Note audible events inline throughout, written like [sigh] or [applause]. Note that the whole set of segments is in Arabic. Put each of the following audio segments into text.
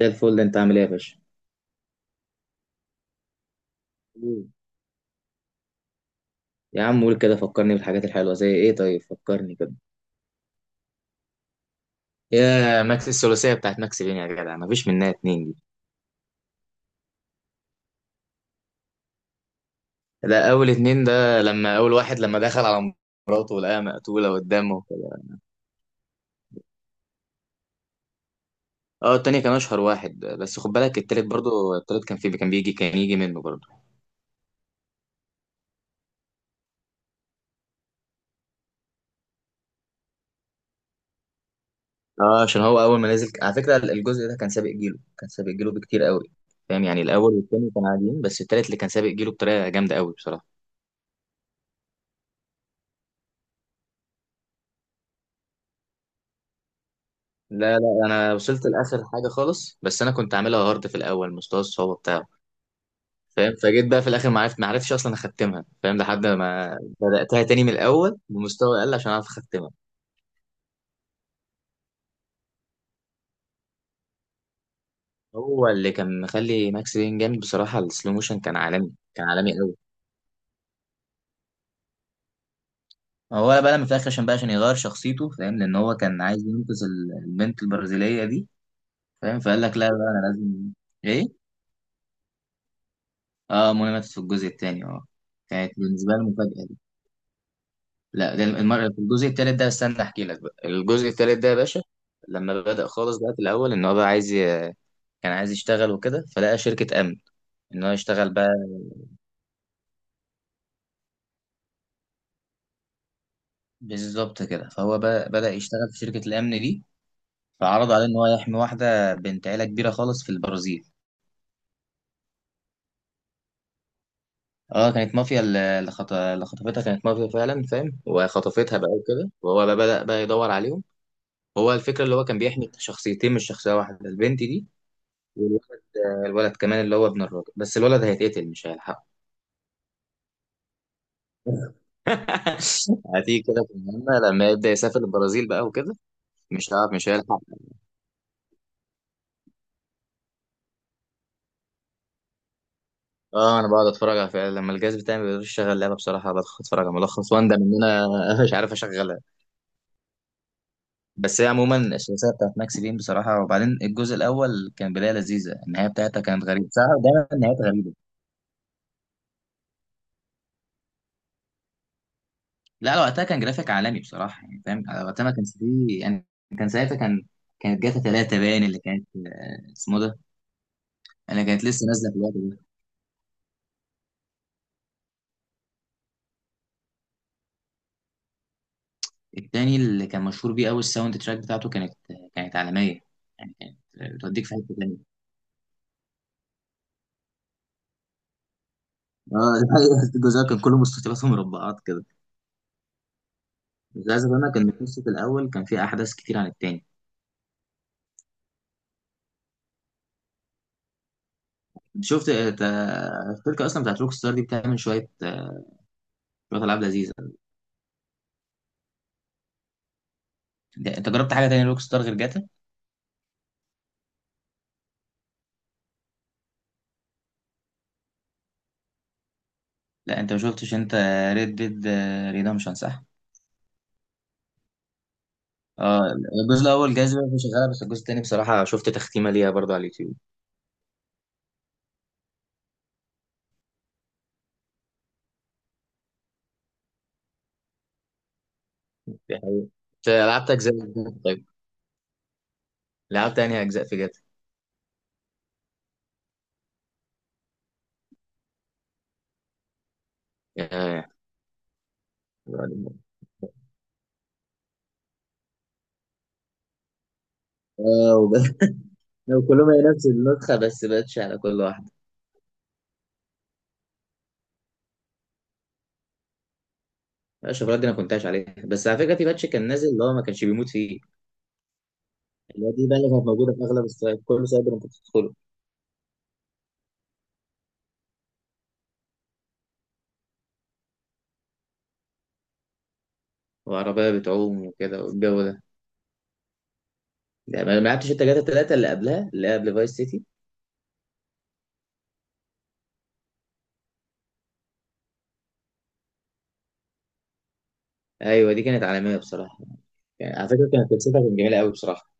زي الفل. انت عامل ايه يا باشا؟ مم. يا عم قول كده، فكرني بالحاجات الحلوه زي ايه، طيب فكرني كده. يا ماكس، الثلاثيه بتاعت ماكس بين يا جدع مفيش منها اتنين دي. ده اول اتنين، ده لما اول واحد لما دخل على مراته ولقاها مقتوله قدامه وكده. اه التاني كان اشهر واحد، بس خد بالك التالت برضه، التالت كان في، كان بيجي، كان يجي منه برضه. اه عشان هو اول ما نزل، على فكره الجزء ده كان سابق جيله بكتير قوي. فاهم؟ يعني الاول والتاني كانوا عاديين، بس التالت اللي كان سابق جيله بطريقه جامده قوي بصراحه. لا انا وصلت لاخر حاجه خالص، بس انا كنت عاملها هارد في الاول، مستوى الصعوبه بتاعه فاهم، فجيت بقى في الاخر ما عرفتش اصلا اختمها فاهم، لحد ما بداتها تاني من الاول بمستوى اقل عشان اعرف اختمها. هو اللي كان مخلي ماكس بين جامد بصراحه السلو موشن، كان عالمي قوي. هو بقى لما في الاخر عشان بقى، عشان يغير شخصيته فاهم، لان هو كان عايز ينقذ البنت البرازيليه دي. فاهم؟ فقال لك لا بقى انا لازم. ايه. اه منى ماتت في الجزء التاني اه. كانت بالنسبه لي مفاجاه. لا في الجزء الثالث ده، استنى احكي لك بقى الجزء الثالث ده يا باشا. لما بدأ خالص بقى في الاول ان هو بقى عايز كان عايز يشتغل وكده، فلقى شركة امن. ان هو يشتغل بقى، بالظبط كده، فهو بقى بدأ يشتغل في شركة الامن دي. فعرض عليه ان هو يحمي واحدة بنت عيلة كبيرة خالص في البرازيل. اه كانت مافيا، اللي خطفتها كانت مافيا فعلا فاهم، وخطفتها بقى وكده، وهو بقى بدأ بقى يدور عليهم. هو الفكرة اللي هو كان بيحمي شخصيتين مش شخصية واحدة، البنت دي والولد. الولد كمان اللي هو ابن الراجل، بس الولد هيتقتل مش هيلحقه. [laughs] هتيجي كده في المهمة لما يبدأ يسافر البرازيل بقى وكده. مش هعرف، مش هيلحق. اه انا بقعد اتفرج على، فعلا لما الجهاز بتاعي ما بيقدرش يشغل لعبه بصراحه بدخل اتفرج على ملخص، واندم ان انا [laughs] مش عارف اشغلها. بس هي عموما الثلاثيه بتاعت ماكس بين بصراحه، وبعدين الجزء الاول كان بدايه لذيذه، النهايه بتاعتها كانت غريبه بصراحه، دايما النهايات غريبه. لا على وقتها كان جرافيك عالمي بصراحه يعني، فاهم على وقتها ما كانش فيه يعني. كان ساعتها كان، كانت جاتا 3 باين اللي كانت، اسمه ده. انا كانت لسه نازله في الوقت ده. التاني اللي كان مشهور بيه قوي الساوند تراك بتاعته، كانت كانت عالميه. يعني كانت بتوديك في حته تانيه. اه [laughs] الجزء كان كله مستطيلات ومربعات كده. للاسف انا كان القصه الاول كان فيه احداث كتير عن التاني. شفت الشركه اصلا بتاعت روك ستار دي بتعمل شويه، شويه العاب لذيذه. انت جربت حاجه تانية روك ستار غير جاتا؟ لا انت ما شفتش انت، ريد ديد ريدمشن صح. اه الجزء الاول جايز بقى مش شغاله، بس الجزء التاني بصراحه شفت تختيمه ليها برضه على اليوتيوب. دي حقيقة. انت لعبت اجزاء جديدة؟ طيب لعبت انهي اجزاء في جاتا؟ ياه. اه وب- [laughs] وكلهم هي نفس النسخه بس باتش على كل واحده. اشوف دي، انا كنت عايش عليها. بس على فكره في باتش كان نازل اللي هو ما كانش بيموت فيه. اللي هو دي بقى اللي كانت موجوده في اغلب السايبر، كل سايبر انت بتدخله. وعربيه بتعوم وكده والجو ده. يعني ما لعبتش انت جاتا الثلاثه اللي قبلها، اللي قبل فايس سيتي؟ ايوه دي كانت عالميه بصراحه يعني، على فكره كانت قصتها كانت جميله قوي بصراحه.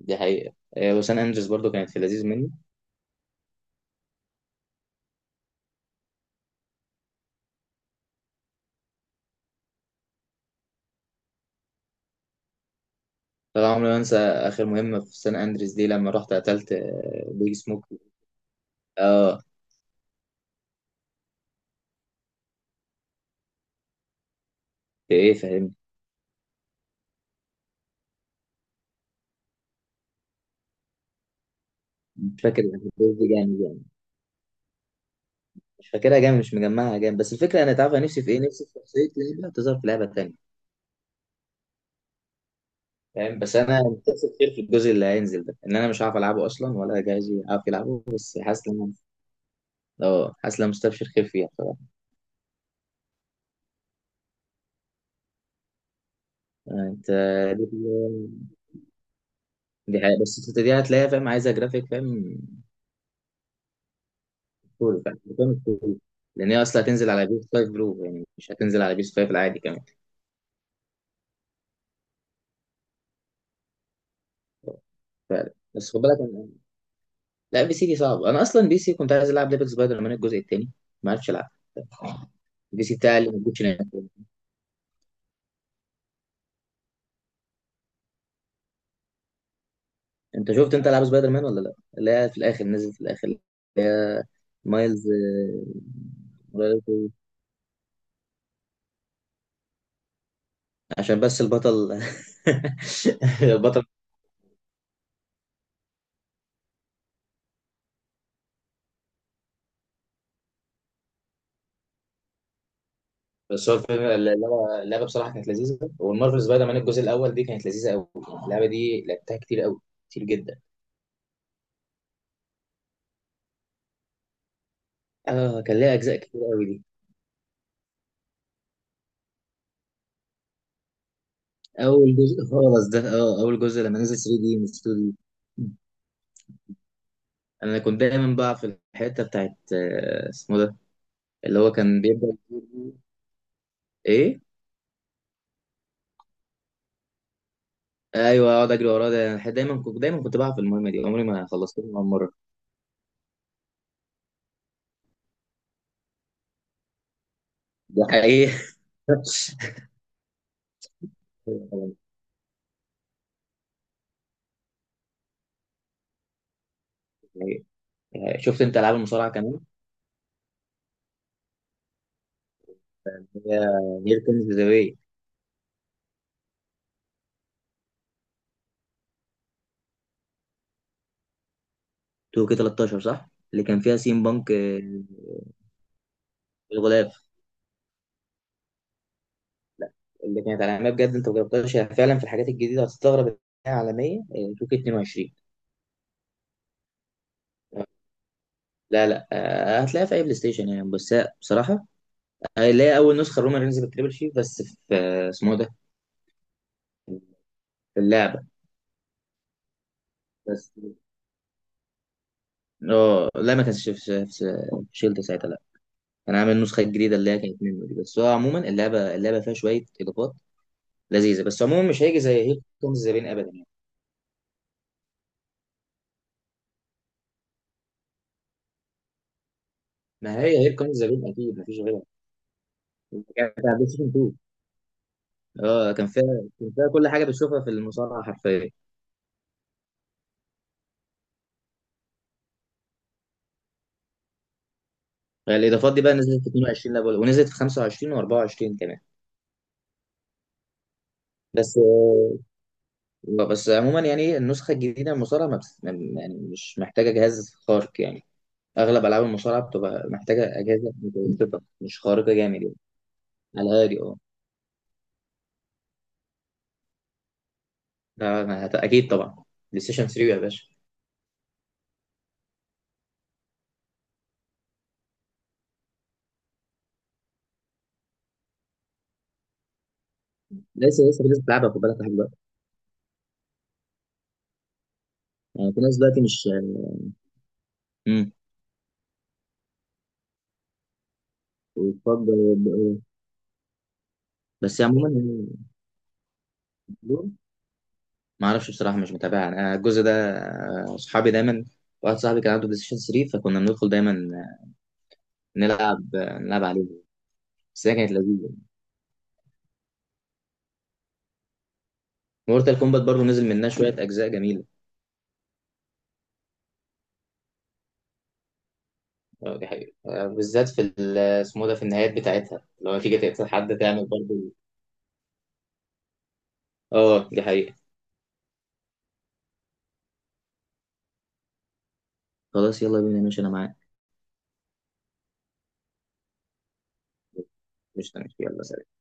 دي حقيقه. وسان اندريس برضو كانت في لذيذ مني. طبعا عمري ما انسى اخر مهمه في سان اندريس دي لما رحت قتلت، بيج سموك. اه في ايه فاهم. مش فاكر الأحداث دي جامد يعني، مش فاكرها جامد، مش مجمعها جامد، بس الفكره، انا تعرف أنا نفسي في ايه؟ نفسي في شخصيه لعبه تظهر في لعبه تانيه. فاهم؟ بس انا متأسف كتير في الجزء اللي هينزل ده ان انا مش عارف العبه اصلا، ولا جاهز عارف يلعبه، بس حاسس ان اه حاسس ان أنا مستبشر خير فيها بصراحه. يعني انت، دي دي حقيقة، بس أنت دي هتلاقيها فاهم عايزه جرافيك فاهم، كوري فاهم، كوري. لان هي اصلا هتنزل على بيس 5 برو يعني، مش هتنزل على بيس 5 العادي كمان. ف- بس خد بالك، لا بي سي دي صعب، انا اصلا بي سي كنت عايز العب ليفل سبايدر مان الجزء الثاني، ما عرفتش العب. البي سي بتاعي اللي موجودش هناك. انت شفت انت العاب سبايدر مان ولا لا؟ اللي هي في الاخر نزل في الاخر، اللي هي مايلز. آه، عشان بس البطل [laughs] البطل. بس هو الفيلم، اللعبه، اللعبه بصراحه كانت لذيذه، والمارفل سبايدر مان الجزء الاول دي كانت لذيذه قوي. اللعبه دي لعبتها كتير قوي، كتير جدا. اه كان ليها اجزاء كتير قوي دي. اول جزء خالص ده، اه اول جزء لما نزل 3 دي مش 2. دي انا كنت دايما بقى في الحته بتاعت، اسمه ده. اللي هو ايه. ايوه اقعد اجري وراه ده، أنا دايما كنت بقى في المهمه دي، عمري ما خلصتها ولا مره. ده حقيقي. [laughs] يعني شفت انت العاب المصارعه كمان؟ هي هير كومز ذا واي. 2K13 صح اللي كان فيها سيم بانك. الغلاف اللي كانت عالميه بجد، انت ما جربتهاش؟ هي فعلا في الحاجات الجديده هتستغرب إنها عالميه. 2K22. لا لا، هتلاقيها في اي بلاي ستيشن يعني، بس هي بصراحه، اللي هي اول نسخه رومان رينز بالتريبل شيف، بس في، اسمه إيه ده، في اللعبه. بس اه لا، ما كانش في، في شيلد ساعتها لا. كان عامل النسخه الجديده اللي هي كانت منه دي، بس هو عموما اللعبه، اللعبه فيها شويه اضافات لذيذه، بس عموما مش هيجي زي هير كومز ذا بين ابدا يعني. ما هي هير كومز ذا بين اكيد مفيش غيرها. كانت على بلاي ستيشن 2. اه كان فيها، كان فيها كل حاجه بتشوفها في المصارعه حرفيا. الاضافات دي بقى نزلت في 22، لا بقول- ونزلت في 25 و24 كمان. بس آه، آه، بس عموما يعني النسخة الجديدة من المصارعة ما بس يعني، يعني مش محتاجة جهاز خارق يعني. أغلب ألعاب المصارعة بتبقى محتاجة أجهزة متوسطة مش خارقة جامد يعني. على الهادي أه. لا، ما هت- أكيد طبعا، بلاي ستيشن 3 يا باشا. لسه في ناس بتلعبها خد بالك لحد دلوقتي. يعني في ناس دلوقتي مش. امم. وتفضل. بس عموما يعني، ما اعرفش بصراحه مش متابع انا الجزء ده. اصحابي دايما، واحد صاحبي كان عنده بلاي ستيشن 3 فكنا بندخل دايما نلعب عليه. بس هي كانت لذيذه. مورتال كومبات برضو نزل منها شوية أجزاء جميلة. دي حقيقة. بالذات في اسمه ده، في النهايات بتاعتها لو تيجي تقتل حد تعمل برضه. اه دي حقيقة. خلاص يلا بينا ماشي، أنا معاك. مش تمام. يلا سلام.